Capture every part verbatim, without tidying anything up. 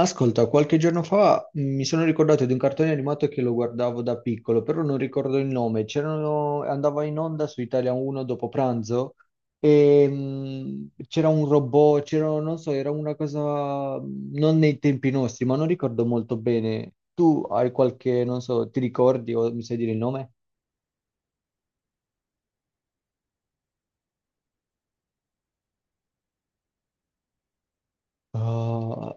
Ascolta, qualche giorno fa mh, mi sono ricordato di un cartone animato che lo guardavo da piccolo, però non ricordo il nome. C'erano- andava in onda su Italia uno dopo pranzo e mh, c'era un robot, c'era, non so, era una cosa mh, non nei tempi nostri, ma non ricordo molto bene. Tu hai qualche, non so, ti ricordi o mi sai dire il nome? Ah,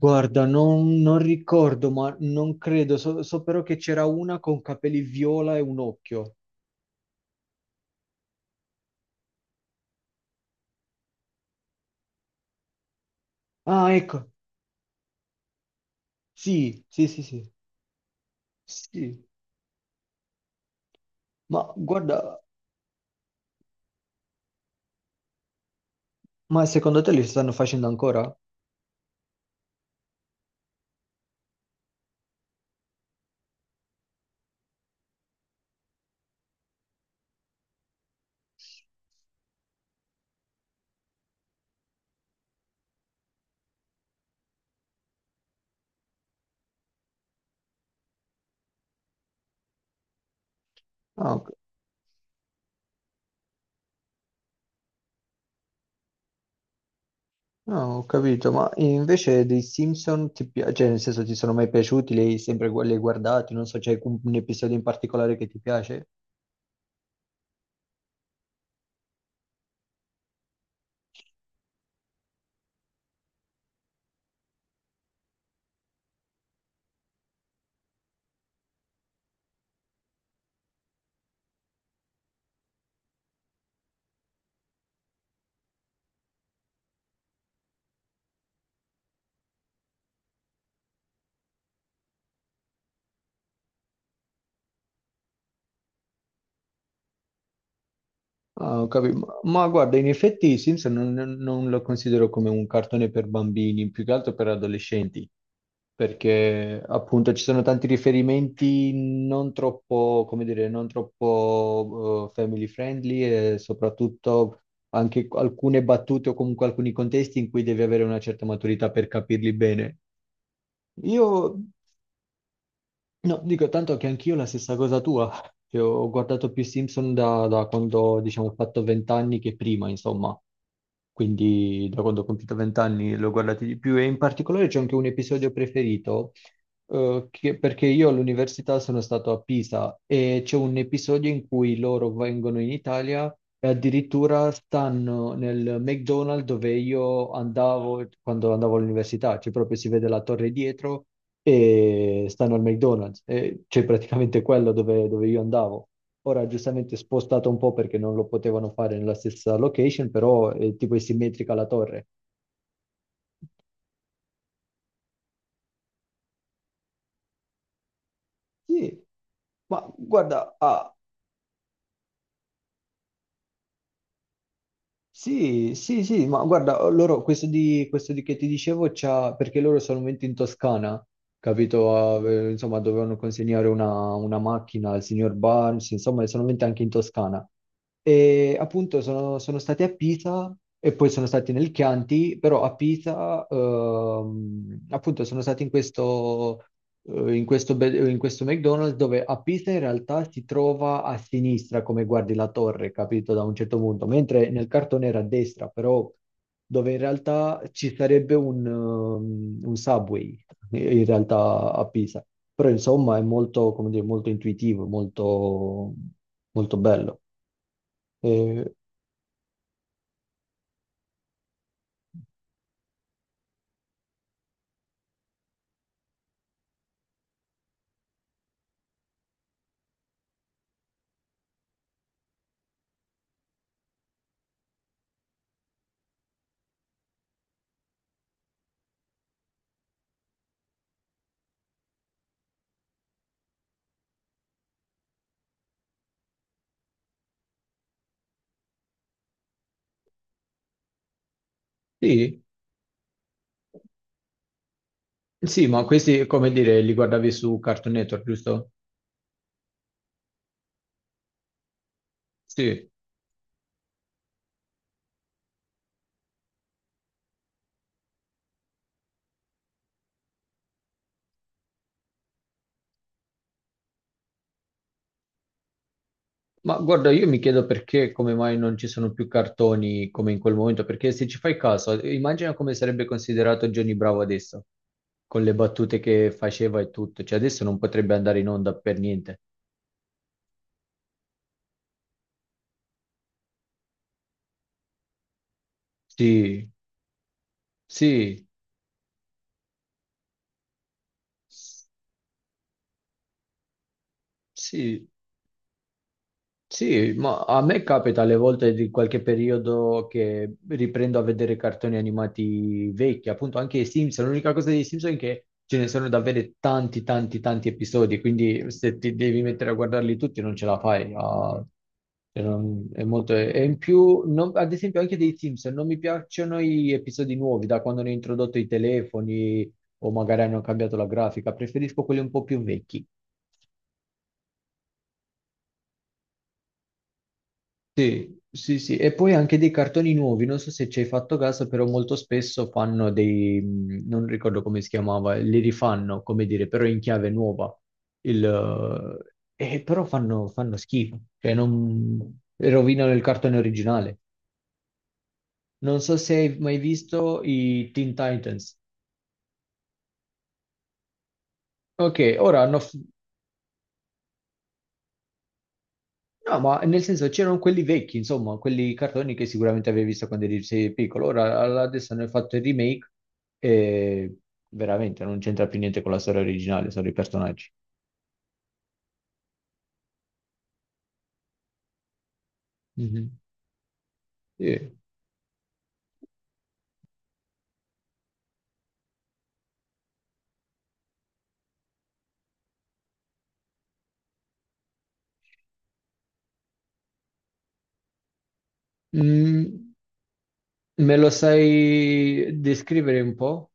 guarda, non, non ricordo, ma non credo. So, so però che c'era una con capelli viola e un occhio. Ah, ecco. Sì, sì, sì, sì, sì. Ma guarda, ma secondo te li stanno facendo ancora? Ah, ok. Ah, ho capito, ma invece dei Simpson ti piace, cioè nel senso ti sono mai piaciuti, li hai sempre gu- li hai guardati, non so, c'è un episodio in particolare che ti piace? Ah, ho capito. Ma ma guarda, in effetti i Simpson non, non lo considero come un cartone per bambini, più che altro per adolescenti, perché appunto ci sono tanti riferimenti non troppo, come dire, non troppo eh, family friendly e soprattutto anche alcune battute o comunque alcuni contesti in cui devi avere una certa maturità per capirli bene. Io No, dico tanto che anch'io la stessa cosa tua, che ho guardato più Simpson da, da quando, diciamo, ho fatto vent'anni che prima, insomma. Quindi da quando ho compiuto vent'anni l'ho guardato di più e in particolare c'è anche un episodio preferito, eh, che- perché io all'università sono stato a Pisa e c'è un episodio in cui loro vengono in Italia e addirittura stanno nel McDonald's dove io andavo quando andavo all'università, cioè proprio si vede la torre dietro e stanno al McDonald's, e cioè praticamente quello dove, dove io andavo. Ora giustamente spostato un po' perché non lo potevano fare nella stessa location, però eh, tipo è simmetrica la torre. Sì, ma guarda, ha sì, sì, sì, ma guarda, loro, questo di, questo di che ti dicevo, c'ha- perché loro sono venuti in Toscana, capito? A- eh, insomma, dovevano consegnare una, una macchina al signor Barnes, insomma, sono venuti anche in Toscana. E appunto sono, sono stati a Pisa e poi sono stati nel Chianti, però a Pisa, ehm, appunto, sono stati in questo eh, in questo, be- in questo McDonald's dove a Pisa in realtà si trova a sinistra come guardi la torre, capito? Da un certo punto, mentre nel cartone era a destra, però dove in realtà ci sarebbe un, um, un subway in realtà a Pisa. Però insomma è molto, come dire, molto intuitivo, molto, molto bello. Eh, sì, sì, ma questi, come dire, li guardavi su Cartoon Network, giusto? Sì. Ma guarda, io mi chiedo perché, come mai non ci sono più cartoni come in quel momento, perché se ci fai caso, immagina come sarebbe considerato Johnny Bravo adesso, con le battute che faceva e tutto, cioè adesso non potrebbe andare in onda per niente. Sì, sì, sì, sì, ma a me capita alle volte di qualche periodo che riprendo a vedere cartoni animati vecchi, appunto anche i Simpson. L'unica cosa dei Simpson è che ce ne sono davvero tanti, tanti, tanti episodi, quindi se ti devi mettere a guardarli tutti non ce la fai. Ah, cioè, non- è molto- e in più, non- ad esempio anche dei Simpson, non, mi piacciono gli episodi nuovi, da quando hanno introdotto i telefoni o magari hanno cambiato la grafica, preferisco quelli un po' più vecchi. Sì, sì, sì, e poi anche dei cartoni nuovi, non so se ci hai fatto caso, però molto spesso fanno dei, mh, non ricordo come si chiamava, li rifanno, come dire, però in chiave nuova, il, eh, e però fanno, fanno schifo, cioè non, rovinano il cartone originale. Non so se hai mai visto i Teen Titans. Ok, ora hanno, no, ma nel senso c'erano quelli vecchi, insomma, quelli cartoni che sicuramente avevi visto quando eri sei piccolo. Ora all- adesso hanno fatto il remake e veramente non c'entra più niente con la storia originale, sono i personaggi. Mhm. Sì. Mm, Me lo sai descrivere un po'?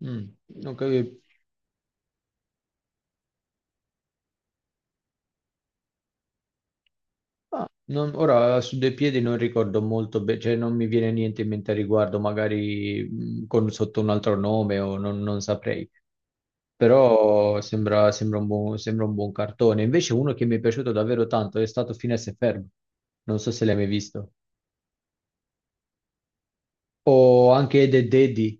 Mm, ok. Ah, non- ora su dei piedi non ricordo molto bene, cioè non mi viene niente in mente a riguardo, magari mh, con- sotto un altro nome o non, non saprei. Però sembra, sembra un buon, sembra un buon cartone. Invece uno che mi è piaciuto davvero tanto è stato Finesse e Ferb. Non so se l'hai mai visto. O anche Ed e Deddy.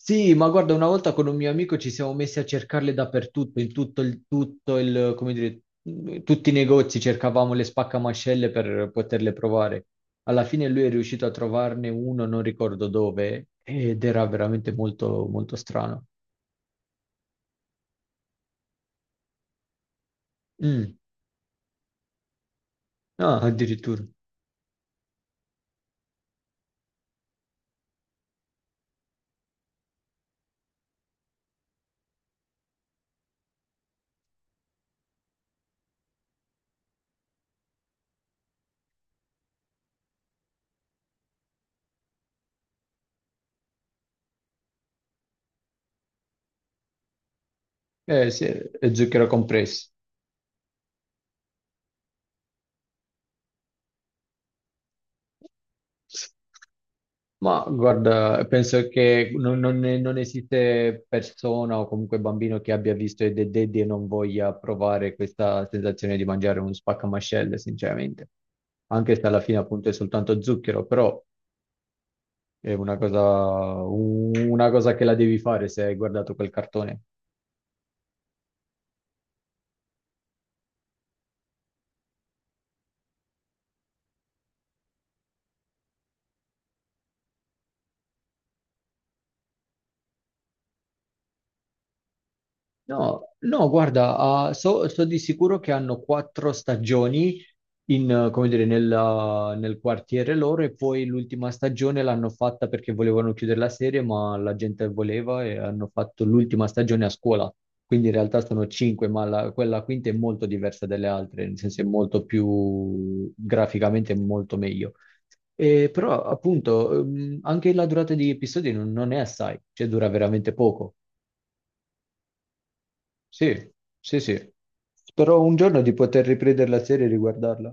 Sì, ma guarda, una volta con un mio amico ci siamo messi a cercarle dappertutto, in tutto il, tutto il, come dire, in tutti i negozi cercavamo le spaccamascelle per poterle provare. Alla fine lui è riuscito a trovarne uno, non ricordo dove, ed era veramente molto, molto strano. Mm. Ah, addirittura. Eh sì, è zucchero compresso. Ma guarda, penso che non, non- non esiste persona o comunque bambino che abbia visto Ed e Eddy e non voglia provare questa sensazione di mangiare uno spaccamascelle, sinceramente. Anche se alla fine appunto è soltanto zucchero, però è una cosa, una cosa che la devi fare se hai guardato quel cartone. No, no, guarda, ah, so, so di sicuro che hanno quattro stagioni in, eh, come dire, nel, ah, nel quartiere loro e poi l'ultima stagione l'hanno fatta perché volevano chiudere la serie, ma la gente voleva e hanno fatto l'ultima stagione a scuola. Quindi in realtà sono cinque, ma la- quella quinta è molto diversa dalle altre, nel senso è molto più graficamente molto meglio. E però appunto ehm, anche la durata di episodi non, non è assai, cioè dura veramente poco. Sì, sì, sì. Spero un giorno di poter riprendere la serie e riguardarla.